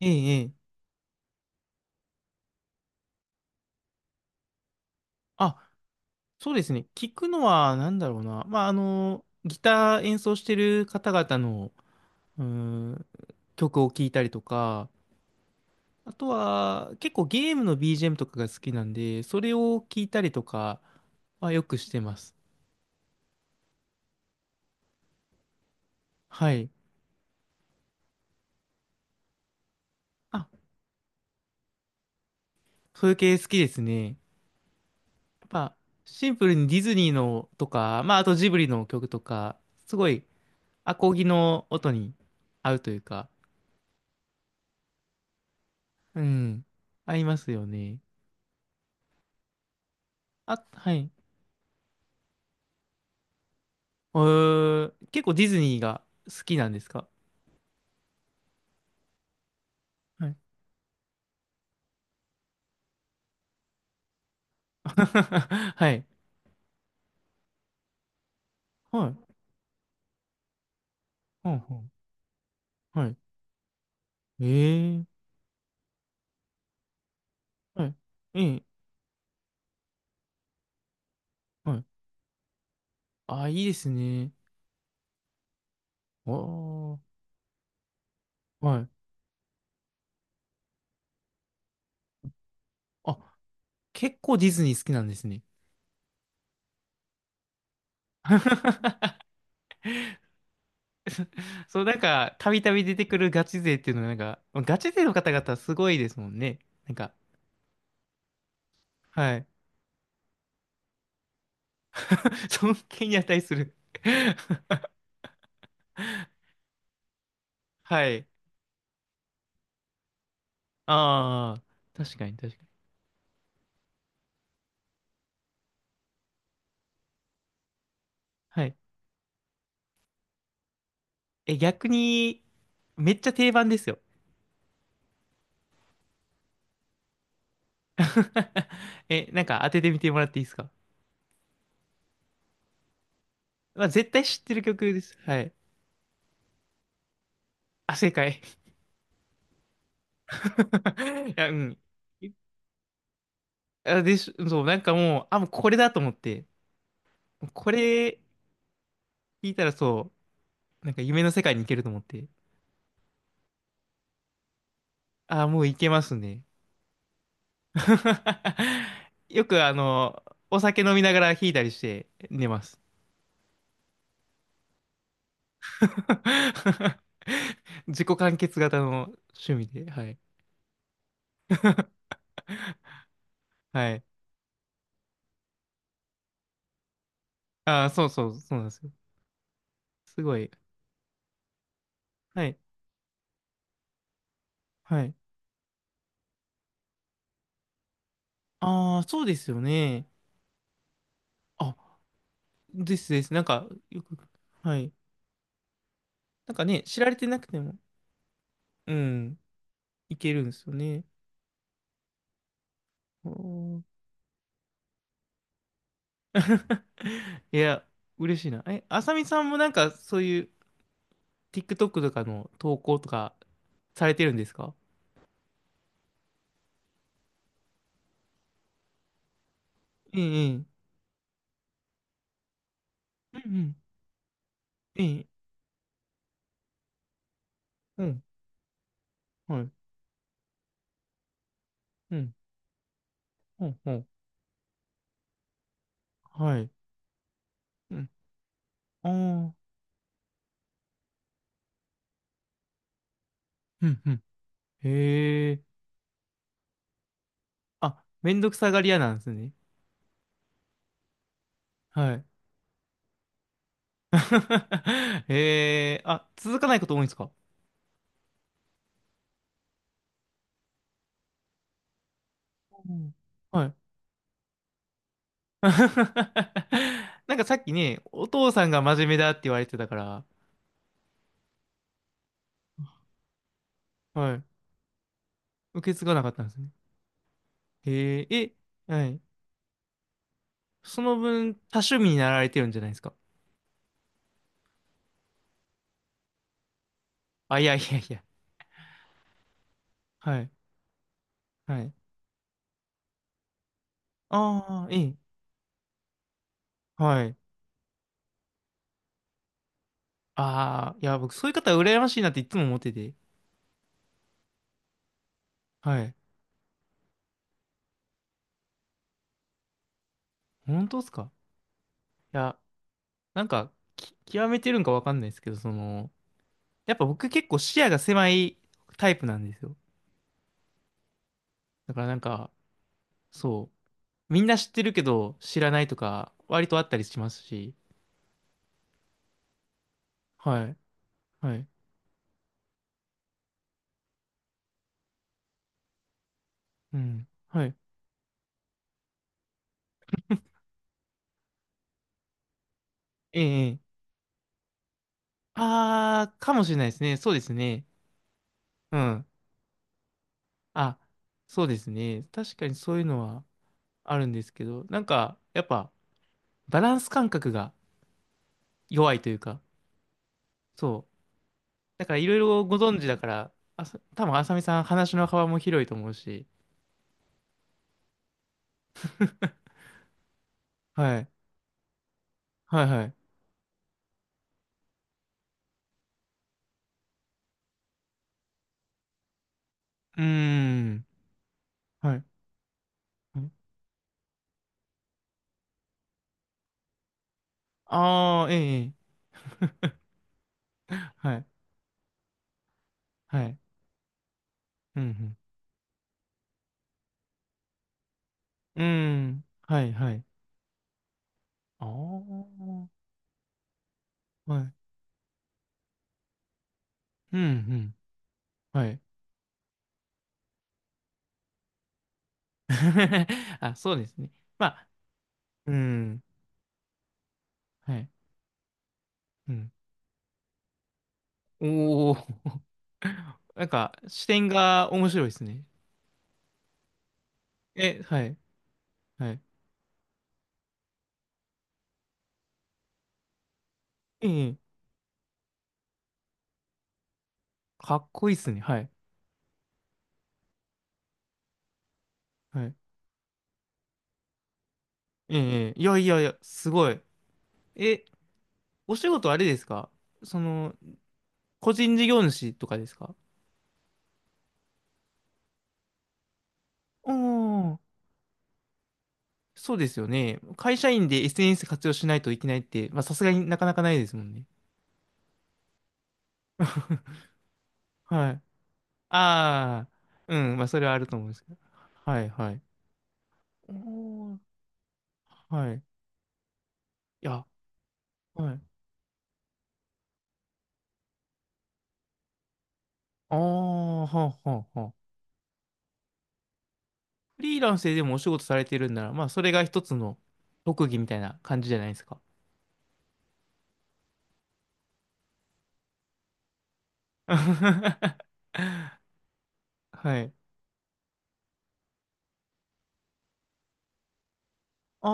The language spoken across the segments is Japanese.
ええ、ええ。あ、そうですね。聞くのは、なんだろうな。まあ、ギター演奏してる方々の、うーん、曲を聴いたりとか、あとは、結構ゲームの BGM とかが好きなんで、それを聞いたりとかはよくしてます。はい。あ、そういう系好きですね。やっぱ、シンプルにディズニーのとか、まあ、あとジブリの曲とか、すごい、アコギの音に合うというか、うん、合いますよね。あ、はい。結構ディズニーが好きなんですか？はい。はい。はい。はんはんはい。ええはい。ええはい。あ、いいですね。おー。はい。あ、結構ディズニー好きなんですね。そう、なんか、たびたび出てくるガチ勢っていうのは、なんか、ガチ勢の方々すごいですもんね。なんか、はい。尊敬に値する はい。ああ、確かに確かに。はい。え、逆に、めっちゃ定番ですよ。え、なんか当ててみてもらっていいですか？まあ、絶対知ってる曲です。はい。あ、正解。いや、うん。あ、そう、なんかもう、あ、もうこれだと思って、これ聞いたらそう、なんか夢の世界に行けると思って、あ、もう行けますね。よくお酒飲みながら弾いたりして寝ます。自己完結型の趣味で、はい。はい。ああ、そうそう、そうなんですよ。すごい。はい。はい。ああ、そうですよね。あ、ですです。なんか、よく、はい。なんかね、知られてなくても、うん、いけるんですよね。おー いや、嬉しいな。え、あさみさんもなんか、そういう TikTok とかの投稿とかされてるんですか？ええ、ええ、うんうん、ええ、うん、はい、うん、うん、うんはい、うん、ああ、うん、うん。へえ。あ、めんどくさがり屋なんですね。はい。あ、続かないこと多いんですか？うんはい。なんかさっきね、お父さんが真面目だって言われてたから、はい。受け継がなかったんですね。へえー、え、はい。その分、多趣味になられてるんじゃないですか？あ、いやいやいや。はい。はい。ああ、ええ。はい。ああ、いや、僕、そういう方羨ましいなっていつも思ってて。はい。本当ですか？いやなんか、き極めてるんかわかんないですけど、その、やっぱ僕結構視野が狭いタイプなんですよ。だからなんか、そう、みんな知ってるけど知らないとか、割とあったりしますし、はい、はい、うん、はい、ええ、ええあー、かもしれないですね。そうですね。うん。あ、そうですね。確かにそういうのはあるんですけど、なんか、やっぱ、バランス感覚が弱いというか、そう。だからいろいろご存知だから、多分あさみさん話の幅も広いと思うし。はい。はいはい。うーん。はい。ああー、ええ、ええはい。はい。うん、うん。うーん。はい、はい。ああ、はい。うん、うん。はい。あ、そうですね。まあ、うん。はい。うん。おお、なんか、視点が面白いですね。え、はい。はい。ええ、かっこいいですね。はい。はいええ、ええいやいやいや、すごい。え、お仕事あれですか？その、個人事業主とかですか？おー、そうですよね。会社員で SNS 活用しないといけないって、まあさすがになかなかないですもんね。はい。ああ、うん、まあそれはあると思うんですけど。はいはい。おー、はい。いや、はい。ああ、はあはあはあ。フリーランスででもお仕事されてるんなら、まあそれが一つの特技みたいな感じじゃないですか。はい。あ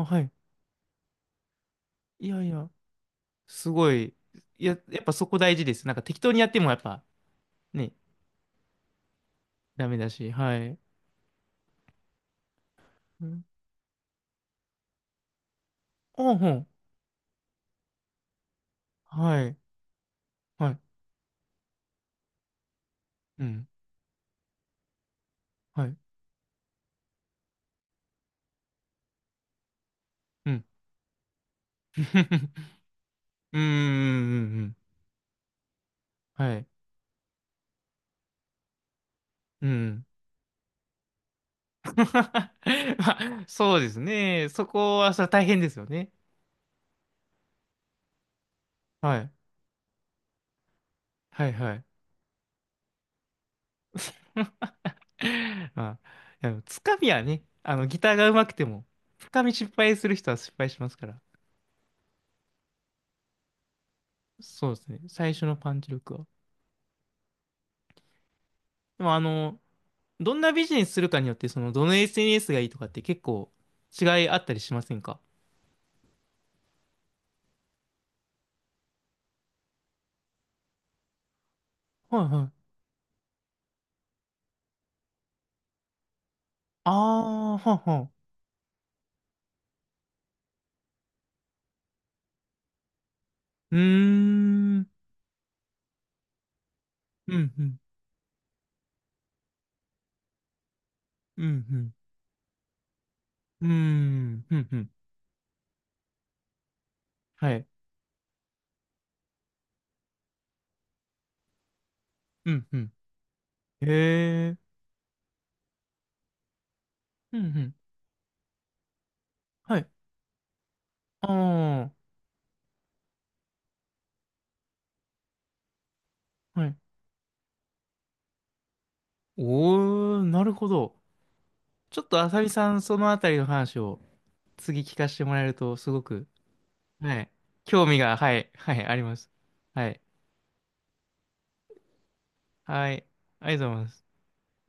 あ、はい。いやいや、すごい。いや、やっぱそこ大事です。なんか適当にやってもやっぱね、ダメだし、はい。うん。ああ、ほん。はい。はい。うん。はい。うん。うんうんうんうん。はい。うん。まあ、そうですね。そこはそれは大変ですよね。はい。はいはい。まあ、いやつかみはね、ギターが上手くても、つかみ失敗する人は失敗しますから。そうですね。最初のパンチ力は。でもどんなビジネスするかによって、その、どの SNS がいいとかって結構違いあったりしませんか？はいはい。ああ、はんはん。うーん。うん、うん、うん、うん。うーん、うん、うん。はい。うん、うん。へえ。うん、うん。はい。ああ、はい。おー、なるほど。ちょっとあさりさん、そのあたりの話を次聞かせてもらえると、すごく、はい。興味が、はい、はい、あります。はい。はい。ありがとうございます。